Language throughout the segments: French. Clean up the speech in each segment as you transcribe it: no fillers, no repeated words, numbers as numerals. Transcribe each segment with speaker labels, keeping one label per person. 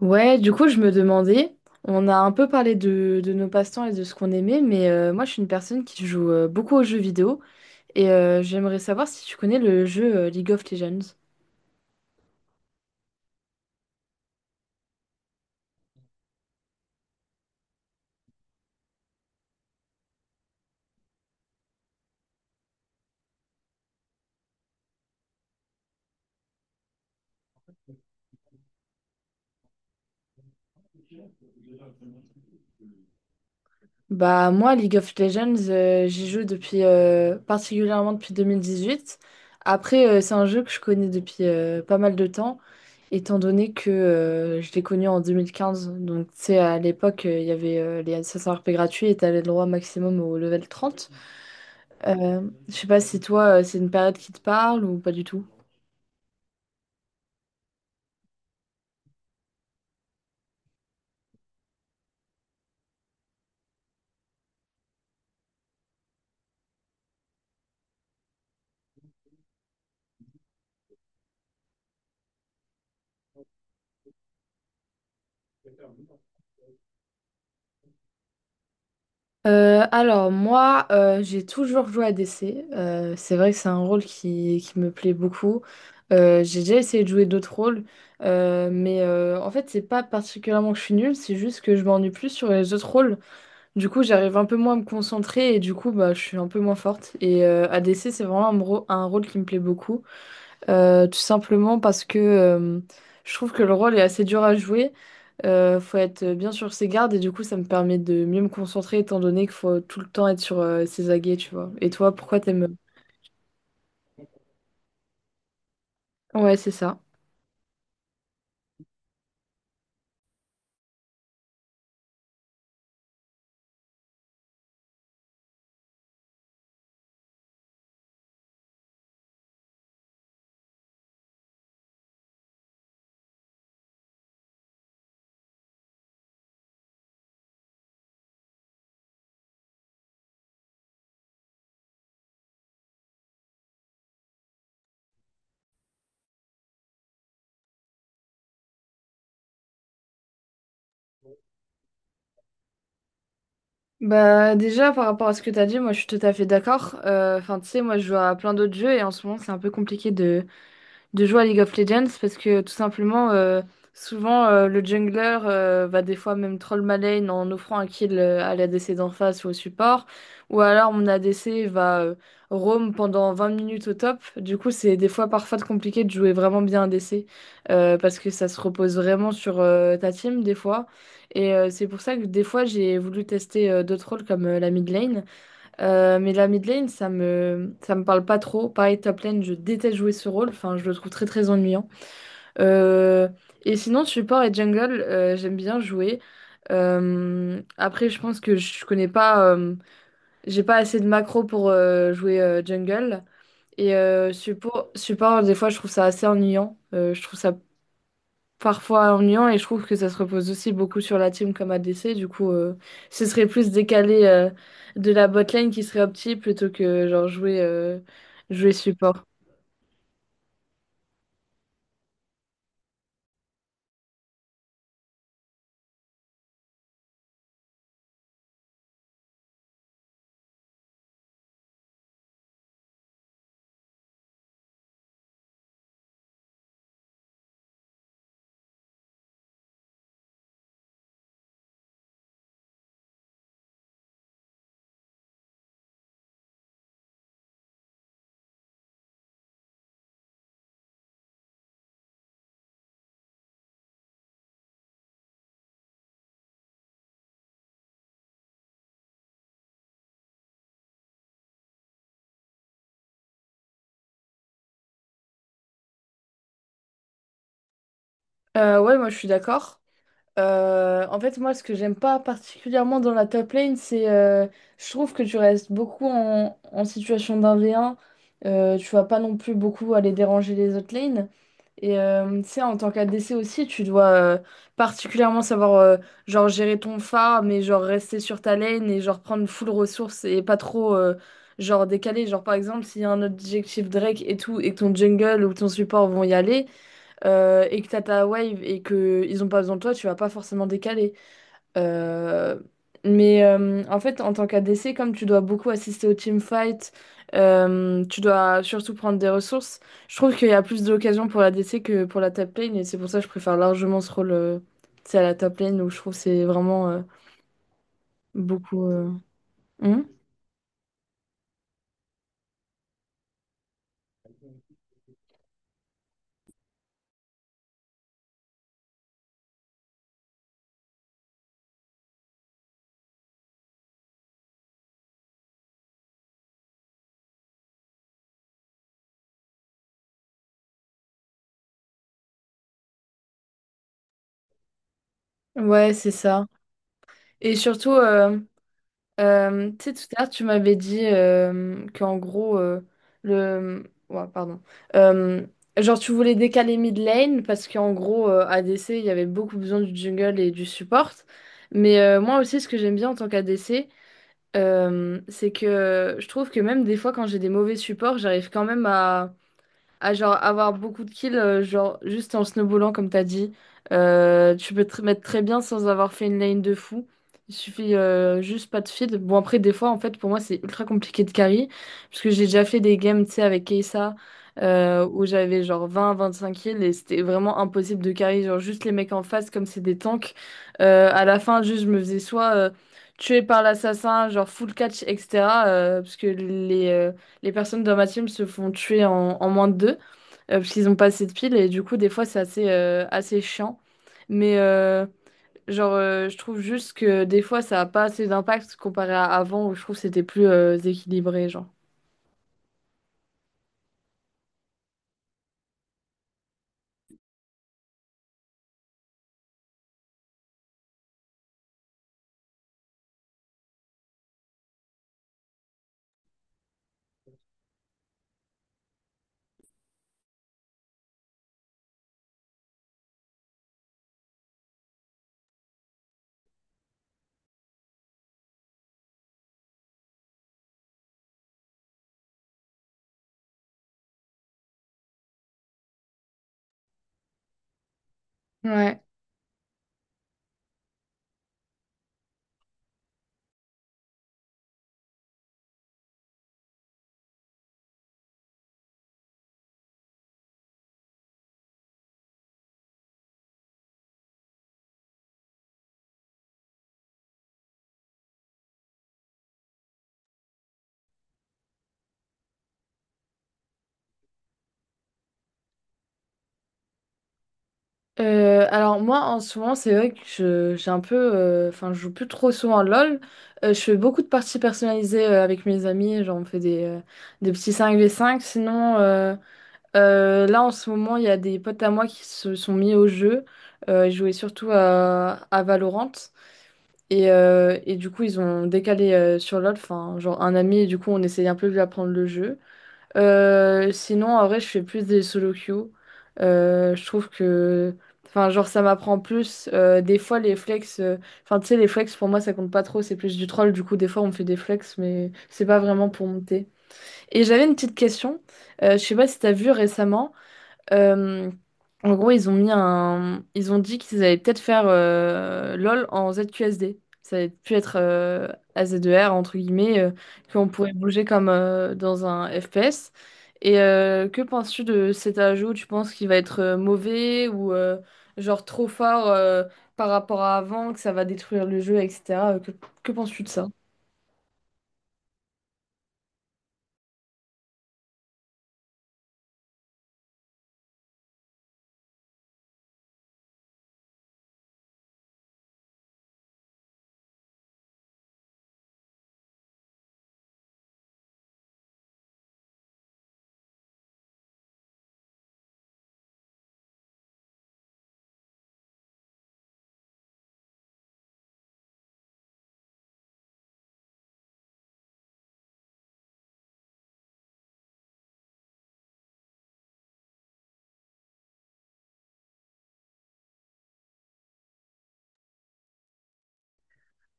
Speaker 1: Ouais, du coup, je me demandais, on a un peu parlé de nos passe-temps et de ce qu'on aimait, mais moi, je suis une personne qui joue beaucoup aux jeux vidéo et j'aimerais savoir si tu connais le jeu League of Legends. Bah, moi, League of Legends, j'y joue depuis particulièrement depuis 2018. Après, c'est un jeu que je connais depuis pas mal de temps, étant donné que je l'ai connu en 2015. Donc, tu sais, à l'époque, il y avait les 500 RP gratuits et t'avais le droit maximum au level 30. Euh, je sais pas si toi, c'est une période qui te parle ou pas du tout. Alors moi, j'ai toujours joué à DC. C'est vrai que c'est un rôle qui me plaît beaucoup. J'ai déjà essayé de jouer d'autres rôles, mais en fait, c'est pas particulièrement que je suis nulle, c'est juste que je m'ennuie plus sur les autres rôles. Du coup, j'arrive un peu moins à me concentrer et du coup, bah, je suis un peu moins forte. Et ADC, c'est vraiment un rôle qui me plaît beaucoup. Tout simplement parce que je trouve que le rôle est assez dur à jouer. Faut être bien sur ses gardes et du coup ça me permet de mieux me concentrer étant donné qu'il faut tout le temps être sur ses aguets, tu vois. Et toi, pourquoi t'aimes? Ouais, c'est ça. Bah déjà par rapport à ce que t'as dit, moi je suis tout à fait d'accord. Enfin tu sais, moi je joue à plein d'autres jeux et en ce moment c'est un peu compliqué de jouer à League of Legends parce que tout simplement, souvent le jungler va des fois même troll ma lane en offrant un kill à l'ADC d'en face ou au support, ou alors mon ADC va roam pendant 20 minutes au top. Du coup, c'est des fois parfois compliqué de jouer vraiment bien ADC parce que ça se repose vraiment sur ta team des fois. Et c'est pour ça que des fois j'ai voulu tester d'autres rôles comme la mid lane. Mais la mid lane, ça me parle pas trop. Pareil, top lane, je déteste jouer ce rôle. Enfin, je le trouve très très ennuyant. Euh, et sinon, support et jungle, j'aime bien jouer. Après, je pense que je connais pas, j'ai pas assez de macro pour jouer jungle. Et support, des fois, je trouve ça assez ennuyant. Je trouve ça parfois ennuyant et je trouve que ça se repose aussi beaucoup sur la team comme a ADC. Du coup, ce serait plus décalé de la botlane qui serait opti plutôt que genre jouer, jouer support. Ouais, moi je suis d'accord. En fait, moi, ce que j'aime pas particulièrement dans la top lane, c'est je trouve que tu restes beaucoup en situation d'un v un. Tu vas pas non plus beaucoup aller déranger les autres lanes. Et tu sais, en tant qu'ADC aussi, tu dois particulièrement savoir genre gérer ton phare, mais genre rester sur ta lane et genre prendre full ressources et pas trop genre décaler. Genre par exemple, s'il y a un objectif Drake et tout, et que ton jungle ou ton support vont y aller et que t'as ta wave et que ils ont pas besoin de toi, tu vas pas forcément décaler. Euh, mais en fait, en tant qu'ADC, comme tu dois beaucoup assister au teamfight, tu dois surtout prendre des ressources. Je trouve qu'il y a plus d'occasions pour l'ADC que pour la top lane et c'est pour ça que je préfère largement ce rôle tu sais, à la top lane où je trouve que c'est vraiment beaucoup. Hmm Ouais, c'est ça. Et surtout, tu sais, tout à l'heure, tu m'avais dit qu'en gros, le. Ouais, pardon. Euh, genre, tu voulais décaler mid lane parce qu'en gros, ADC, il y avait beaucoup besoin du jungle et du support. Mais moi aussi, ce que j'aime bien en tant qu'ADC, c'est que je trouve que même des fois, quand j'ai des mauvais supports, j'arrive quand même à genre avoir beaucoup de kills, genre juste en snowballant comme t'as dit. Tu peux te mettre très bien sans avoir fait une lane de fou. Il suffit juste pas de feed. Bon après des fois en fait pour moi c'est ultra compliqué de carry parce que j'ai déjà fait des games tu sais avec Kesa où j'avais genre 20-25 kills et c'était vraiment impossible de carry genre juste les mecs en face comme c'est des tanks. À la fin juste je me faisais soit tuer par l'assassin genre full catch etc. Parce que les personnes dans ma team se font tuer en moins de deux, parce qu'ils ont pas assez de piles, et du coup, des fois, c'est assez assez chiant. Mais je trouve juste que des fois, ça a pas assez d'impact comparé à avant, où je trouve que c'était plus équilibré, genre. Ouais. Alors moi en ce moment c'est vrai que j'ai un peu enfin je joue plus trop souvent à LOL. Je fais beaucoup de parties personnalisées avec mes amis, genre on fait des petits cinq v cinq. Sinon, là, en ce moment, il y a des potes à moi qui se sont mis au jeu. Ils jouaient surtout à Valorant. Et du coup, ils ont décalé sur LoL, enfin, genre un ami, et du coup, on essayait un peu de lui apprendre le jeu. Sinon, en vrai, je fais plus des solo queues. Je trouve que, enfin, genre, ça m'apprend plus. Des fois, enfin, tu sais, les flex, pour moi, ça compte pas trop, c'est plus du troll. Du coup, des fois, on me fait des flex, mais c'est pas vraiment pour monter. Et j'avais une petite question. Je sais pas si t'as vu récemment. Euh, en gros, ils ont mis un... Ils ont dit qu'ils allaient peut-être faire LOL en ZQSD. Ça allait plus être AZER, entre guillemets, qu'on pourrait bouger comme dans un FPS. Et que penses-tu de cet ajout? Tu penses qu'il va être mauvais ou genre trop fort par rapport à avant, que ça va détruire le jeu, etc. Que penses-tu de ça?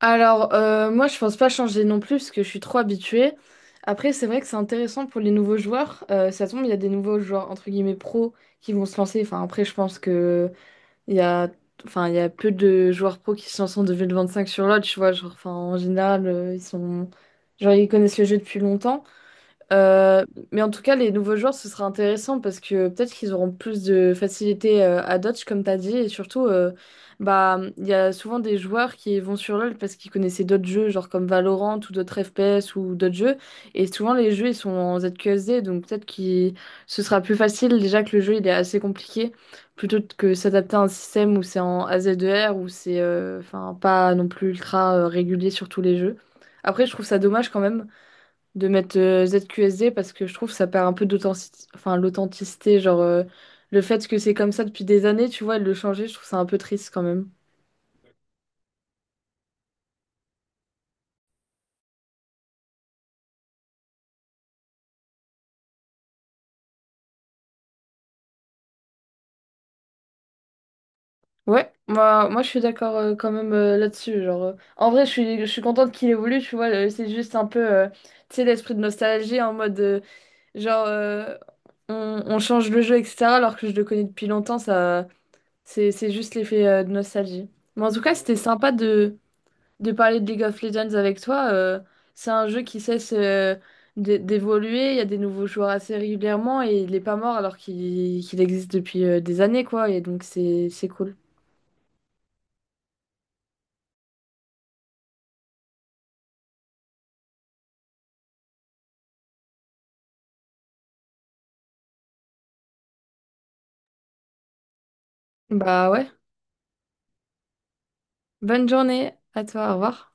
Speaker 1: Alors, moi, je pense pas changer non plus parce que je suis trop habituée. Après, c'est vrai que c'est intéressant pour les nouveaux joueurs. Ça tombe, il y a des nouveaux joueurs, entre guillemets, pros qui vont se lancer. Enfin, après, je pense que il y a, enfin, il y a peu de joueurs pros qui se lancent en 2025 sur l'autre, tu vois. Genre, enfin, en général, ils sont, genre, ils connaissent le jeu depuis longtemps. Euh, mais en tout cas, les nouveaux joueurs, ce sera intéressant parce que peut-être qu'ils auront plus de facilité à dodge, comme tu as dit. Et surtout, bah, il y a souvent des joueurs qui vont sur LoL parce qu'ils connaissaient d'autres jeux, genre comme Valorant ou d'autres FPS ou d'autres jeux. Et souvent, les jeux, ils sont en ZQSD. Donc peut-être que ce sera plus facile, déjà que le jeu, il est assez compliqué, plutôt que s'adapter à un système où c'est en AZER, où c'est enfin, pas non plus ultra régulier sur tous les jeux. Après, je trouve ça dommage quand même de mettre ZQSD parce que je trouve que ça perd un peu d'authenticité, enfin l'authenticité, le fait que c'est comme ça depuis des années, tu vois, et de le changer, je trouve ça un peu triste quand même. Ouais, moi je suis d'accord quand même là-dessus. En vrai, je suis contente qu'il évolue, tu vois, c'est juste un peu, tu sais, l'esprit de nostalgie en mode, genre, euh, on change le jeu, etc., alors que je le connais depuis longtemps, ça, c'est juste l'effet de nostalgie. Mais en tout cas, c'était sympa de parler de League of Legends avec toi. C'est un jeu qui cesse d'évoluer. Il y a des nouveaux joueurs assez régulièrement et il n'est pas mort alors qu'il existe depuis des années, quoi. Et donc, c'est cool. Bah ouais. Bonne journée à toi. Au revoir.